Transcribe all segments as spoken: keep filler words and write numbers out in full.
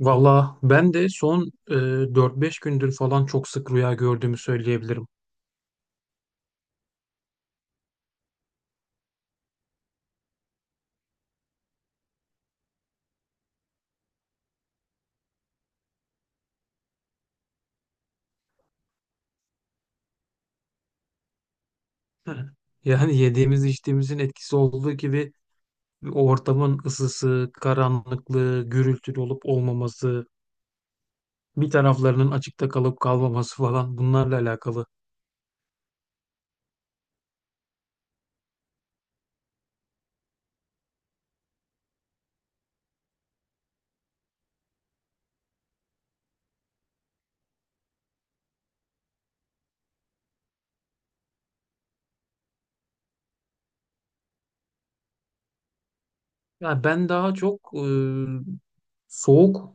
Valla ben de son e, dört beş gündür falan çok sık rüya gördüğümü söyleyebilirim. Hı. Yani yediğimiz içtiğimizin etkisi olduğu gibi o ortamın ısısı, karanlıklığı, gürültülü olup olmaması, bir taraflarının açıkta kalıp kalmaması falan bunlarla alakalı. Ya ben daha çok e, soğuk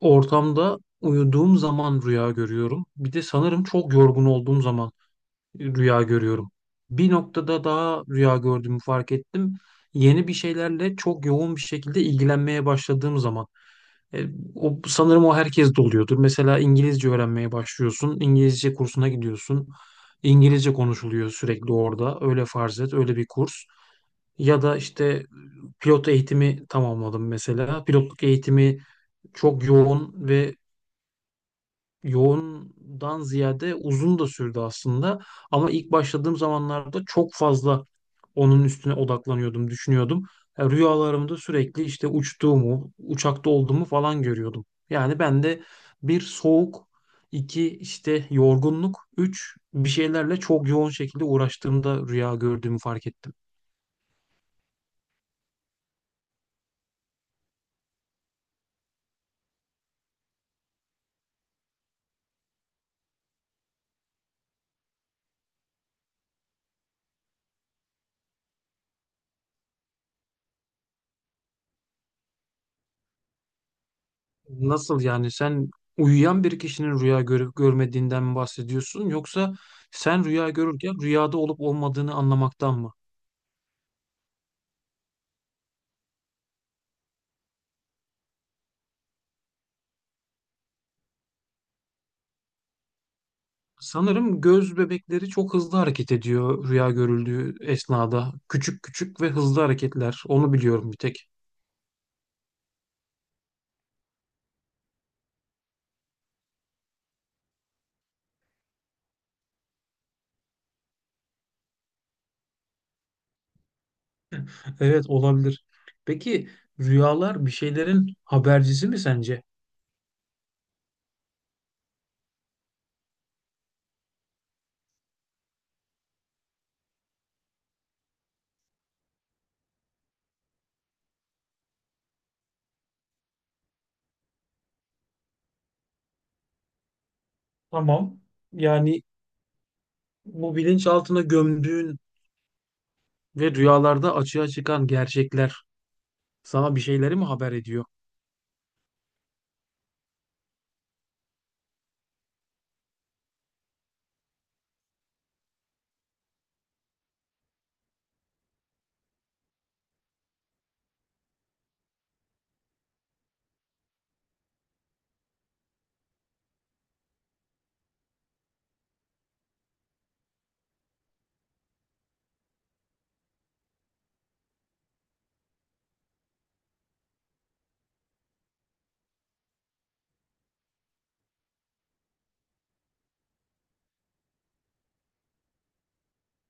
ortamda uyuduğum zaman rüya görüyorum. Bir de sanırım çok yorgun olduğum zaman rüya görüyorum. Bir noktada daha rüya gördüğümü fark ettim. Yeni bir şeylerle çok yoğun bir şekilde ilgilenmeye başladığım zaman. E, O, sanırım o herkes de oluyordur. Mesela İngilizce öğrenmeye başlıyorsun. İngilizce kursuna gidiyorsun. İngilizce konuşuluyor sürekli orada. Öyle farz et, öyle bir kurs. Ya da işte pilot eğitimi tamamladım mesela. Pilotluk eğitimi çok yoğun ve yoğundan ziyade uzun da sürdü aslında. Ama ilk başladığım zamanlarda çok fazla onun üstüne odaklanıyordum, düşünüyordum. E, Rüyalarımda sürekli işte uçtuğumu, uçakta olduğumu falan görüyordum. Yani ben de bir soğuk, iki işte yorgunluk, üç bir şeylerle çok yoğun şekilde uğraştığımda rüya gördüğümü fark ettim. Nasıl yani, sen uyuyan bir kişinin rüya görüp görmediğinden mi bahsediyorsun yoksa sen rüya görürken rüyada olup olmadığını anlamaktan mı? Sanırım göz bebekleri çok hızlı hareket ediyor rüya görüldüğü esnada. Küçük küçük ve hızlı hareketler. Onu biliyorum bir tek. Evet, olabilir. Peki, rüyalar bir şeylerin habercisi mi sence? Tamam. Yani bu bilinçaltına gömdüğün ve rüyalarda açığa çıkan gerçekler sana bir şeyleri mi haber ediyor?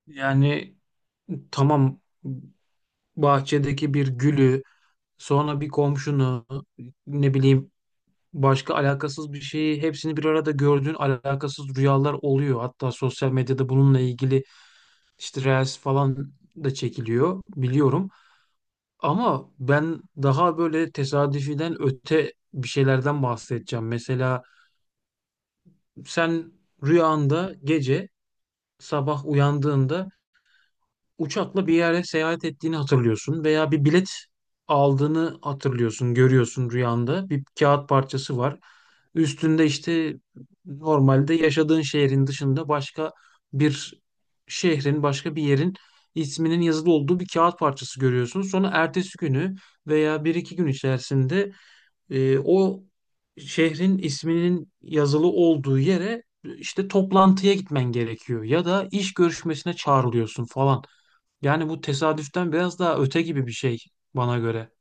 Yani tamam, bahçedeki bir gülü, sonra bir komşunu, ne bileyim başka alakasız bir şeyi, hepsini bir arada gördüğün alakasız rüyalar oluyor. Hatta sosyal medyada bununla ilgili işte reels falan da çekiliyor biliyorum. Ama ben daha böyle tesadüfiden öte bir şeylerden bahsedeceğim. Mesela sen rüyanda gece, sabah uyandığında uçakla bir yere seyahat ettiğini hatırlıyorsun veya bir bilet aldığını hatırlıyorsun, görüyorsun rüyanda. Bir kağıt parçası var. Üstünde işte normalde yaşadığın şehrin dışında başka bir şehrin, başka bir yerin isminin yazılı olduğu bir kağıt parçası görüyorsun. Sonra ertesi günü veya bir iki gün içerisinde e, o şehrin isminin yazılı olduğu yere işte toplantıya gitmen gerekiyor ya da iş görüşmesine çağrılıyorsun falan. Yani bu tesadüften biraz daha öte gibi bir şey bana göre.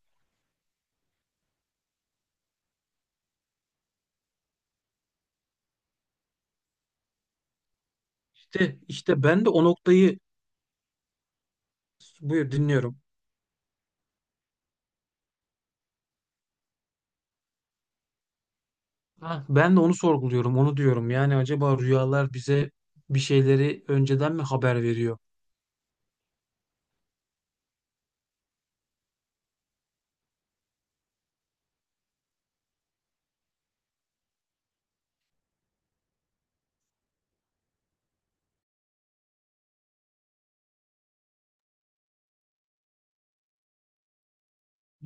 İşte işte ben de o noktayı, buyur, dinliyorum. Ha, ben de onu sorguluyorum, onu diyorum. Yani acaba rüyalar bize bir şeyleri önceden mi haber veriyor?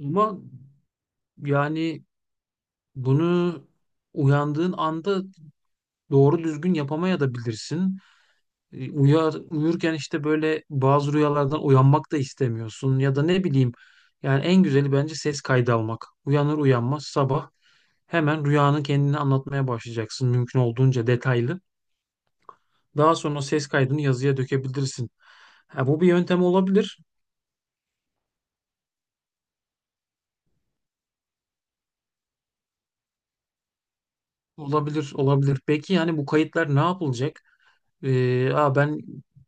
Ama yani bunu uyandığın anda doğru düzgün yapamayabilirsin. E, Uyar, uyurken işte böyle bazı rüyalardan uyanmak da istemiyorsun ya da ne bileyim. Yani en güzeli bence ses kaydı almak. Uyanır uyanmaz sabah hemen rüyanın kendini anlatmaya başlayacaksın mümkün olduğunca detaylı. Daha sonra ses kaydını yazıya dökebilirsin. Ha, bu bir yöntem olabilir. Olabilir, olabilir. Peki yani bu kayıtlar ne yapılacak? Ee, Aa, ben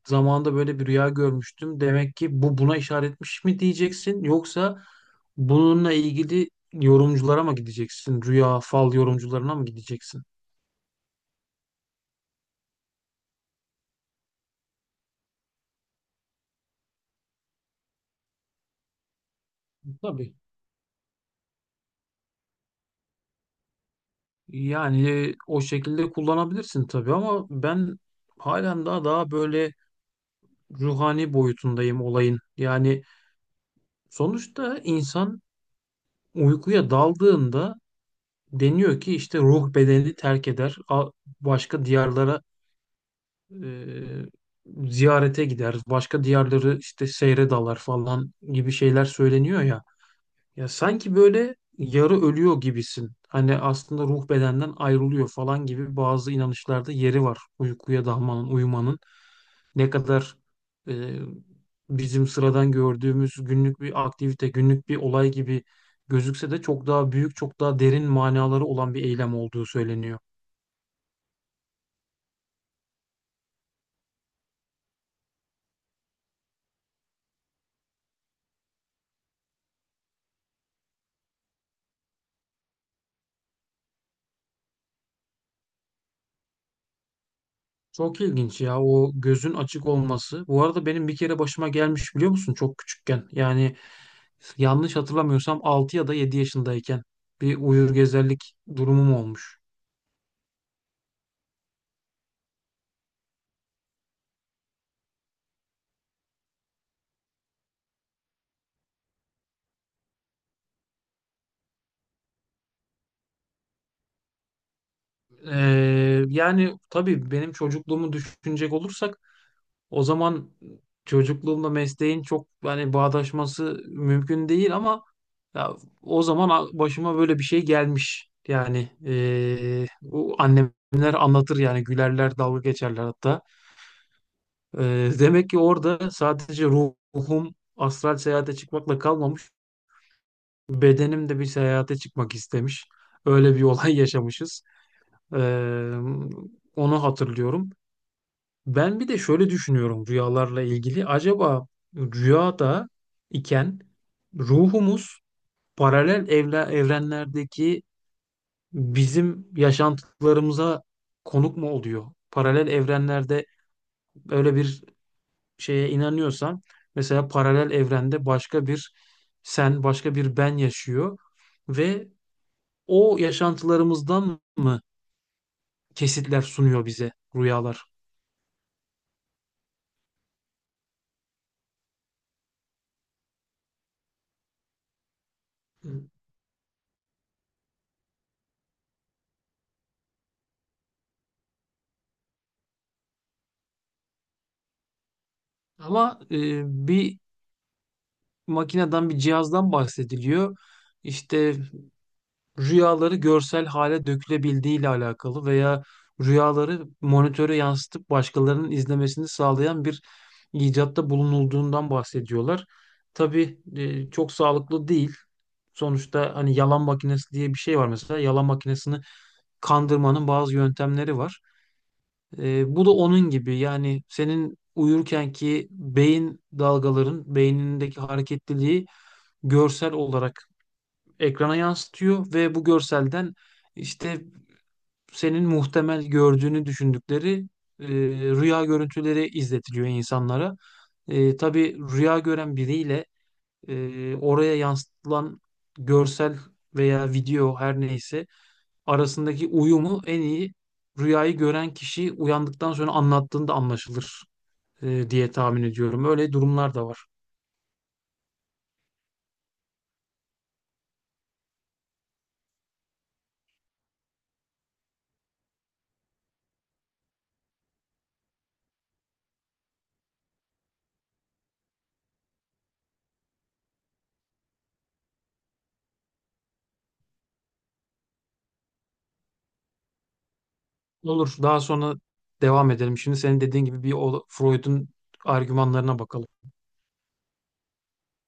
zamanında böyle bir rüya görmüştüm. Demek ki bu buna işaretmiş mi diyeceksin yoksa bununla ilgili yorumculara mı gideceksin? Rüya fal yorumcularına mı gideceksin? Tabii. Yani e, o şekilde kullanabilirsin tabii, ama ben halen daha daha böyle ruhani boyutundayım olayın. Yani sonuçta insan uykuya daldığında deniyor ki işte ruh bedeni terk eder, a- başka diyarlara e, ziyarete gider, başka diyarları işte seyre dalar falan gibi şeyler söyleniyor ya. Ya sanki böyle yarı ölüyor gibisin. Hani aslında ruh bedenden ayrılıyor falan gibi bazı inanışlarda yeri var. Uykuya dalmanın, uyumanın ne kadar e, bizim sıradan gördüğümüz günlük bir aktivite, günlük bir olay gibi gözükse de çok daha büyük, çok daha derin manaları olan bir eylem olduğu söyleniyor. Çok ilginç ya o gözün açık olması. Bu arada benim bir kere başıma gelmiş, biliyor musun, çok küçükken. Yani yanlış hatırlamıyorsam altı ya da yedi yaşındayken bir uyur gezerlik durumum olmuş. Ee, yani tabii benim çocukluğumu düşünecek olursak o zaman çocukluğumla mesleğin çok hani bağdaşması mümkün değil ama ya, o zaman a- başıma böyle bir şey gelmiş. Yani ee, bu annemler anlatır, yani gülerler, dalga geçerler hatta. Ee, demek ki orada sadece ruhum astral seyahate çıkmakla kalmamış, bedenim de bir seyahate çıkmak istemiş. Öyle bir olay yaşamışız. Ee, onu hatırlıyorum. Ben bir de şöyle düşünüyorum rüyalarla ilgili. Acaba rüyada iken ruhumuz paralel evle, evrenlerdeki bizim yaşantılarımıza konuk mu oluyor? Paralel evrenlerde öyle bir şeye inanıyorsam, mesela paralel evrende başka bir sen, başka bir ben yaşıyor ve o yaşantılarımızdan mı kesitler sunuyor bize rüyalar? Ama e, bir makineden, bir cihazdan bahsediliyor. İşte rüyaları görsel hale dökülebildiği ile alakalı veya rüyaları monitöre yansıtıp başkalarının izlemesini sağlayan bir icatta bulunulduğundan bahsediyorlar. Tabii e, çok sağlıklı değil. Sonuçta hani yalan makinesi diye bir şey var mesela. Yalan makinesini kandırmanın bazı yöntemleri var. E, bu da onun gibi, yani senin uyurkenki beyin dalgaların beynindeki hareketliliği görsel olarak ekrana yansıtıyor ve bu görselden işte senin muhtemel gördüğünü düşündükleri e, rüya görüntüleri izletiliyor insanlara. E, tabii rüya gören biriyle e, oraya yansıtılan görsel veya video her neyse arasındaki uyumu en iyi rüyayı gören kişi uyandıktan sonra anlattığında anlaşılır e, diye tahmin ediyorum. Öyle durumlar da var. Olur, daha sonra devam edelim. Şimdi senin dediğin gibi bir o- Freud'un argümanlarına bakalım.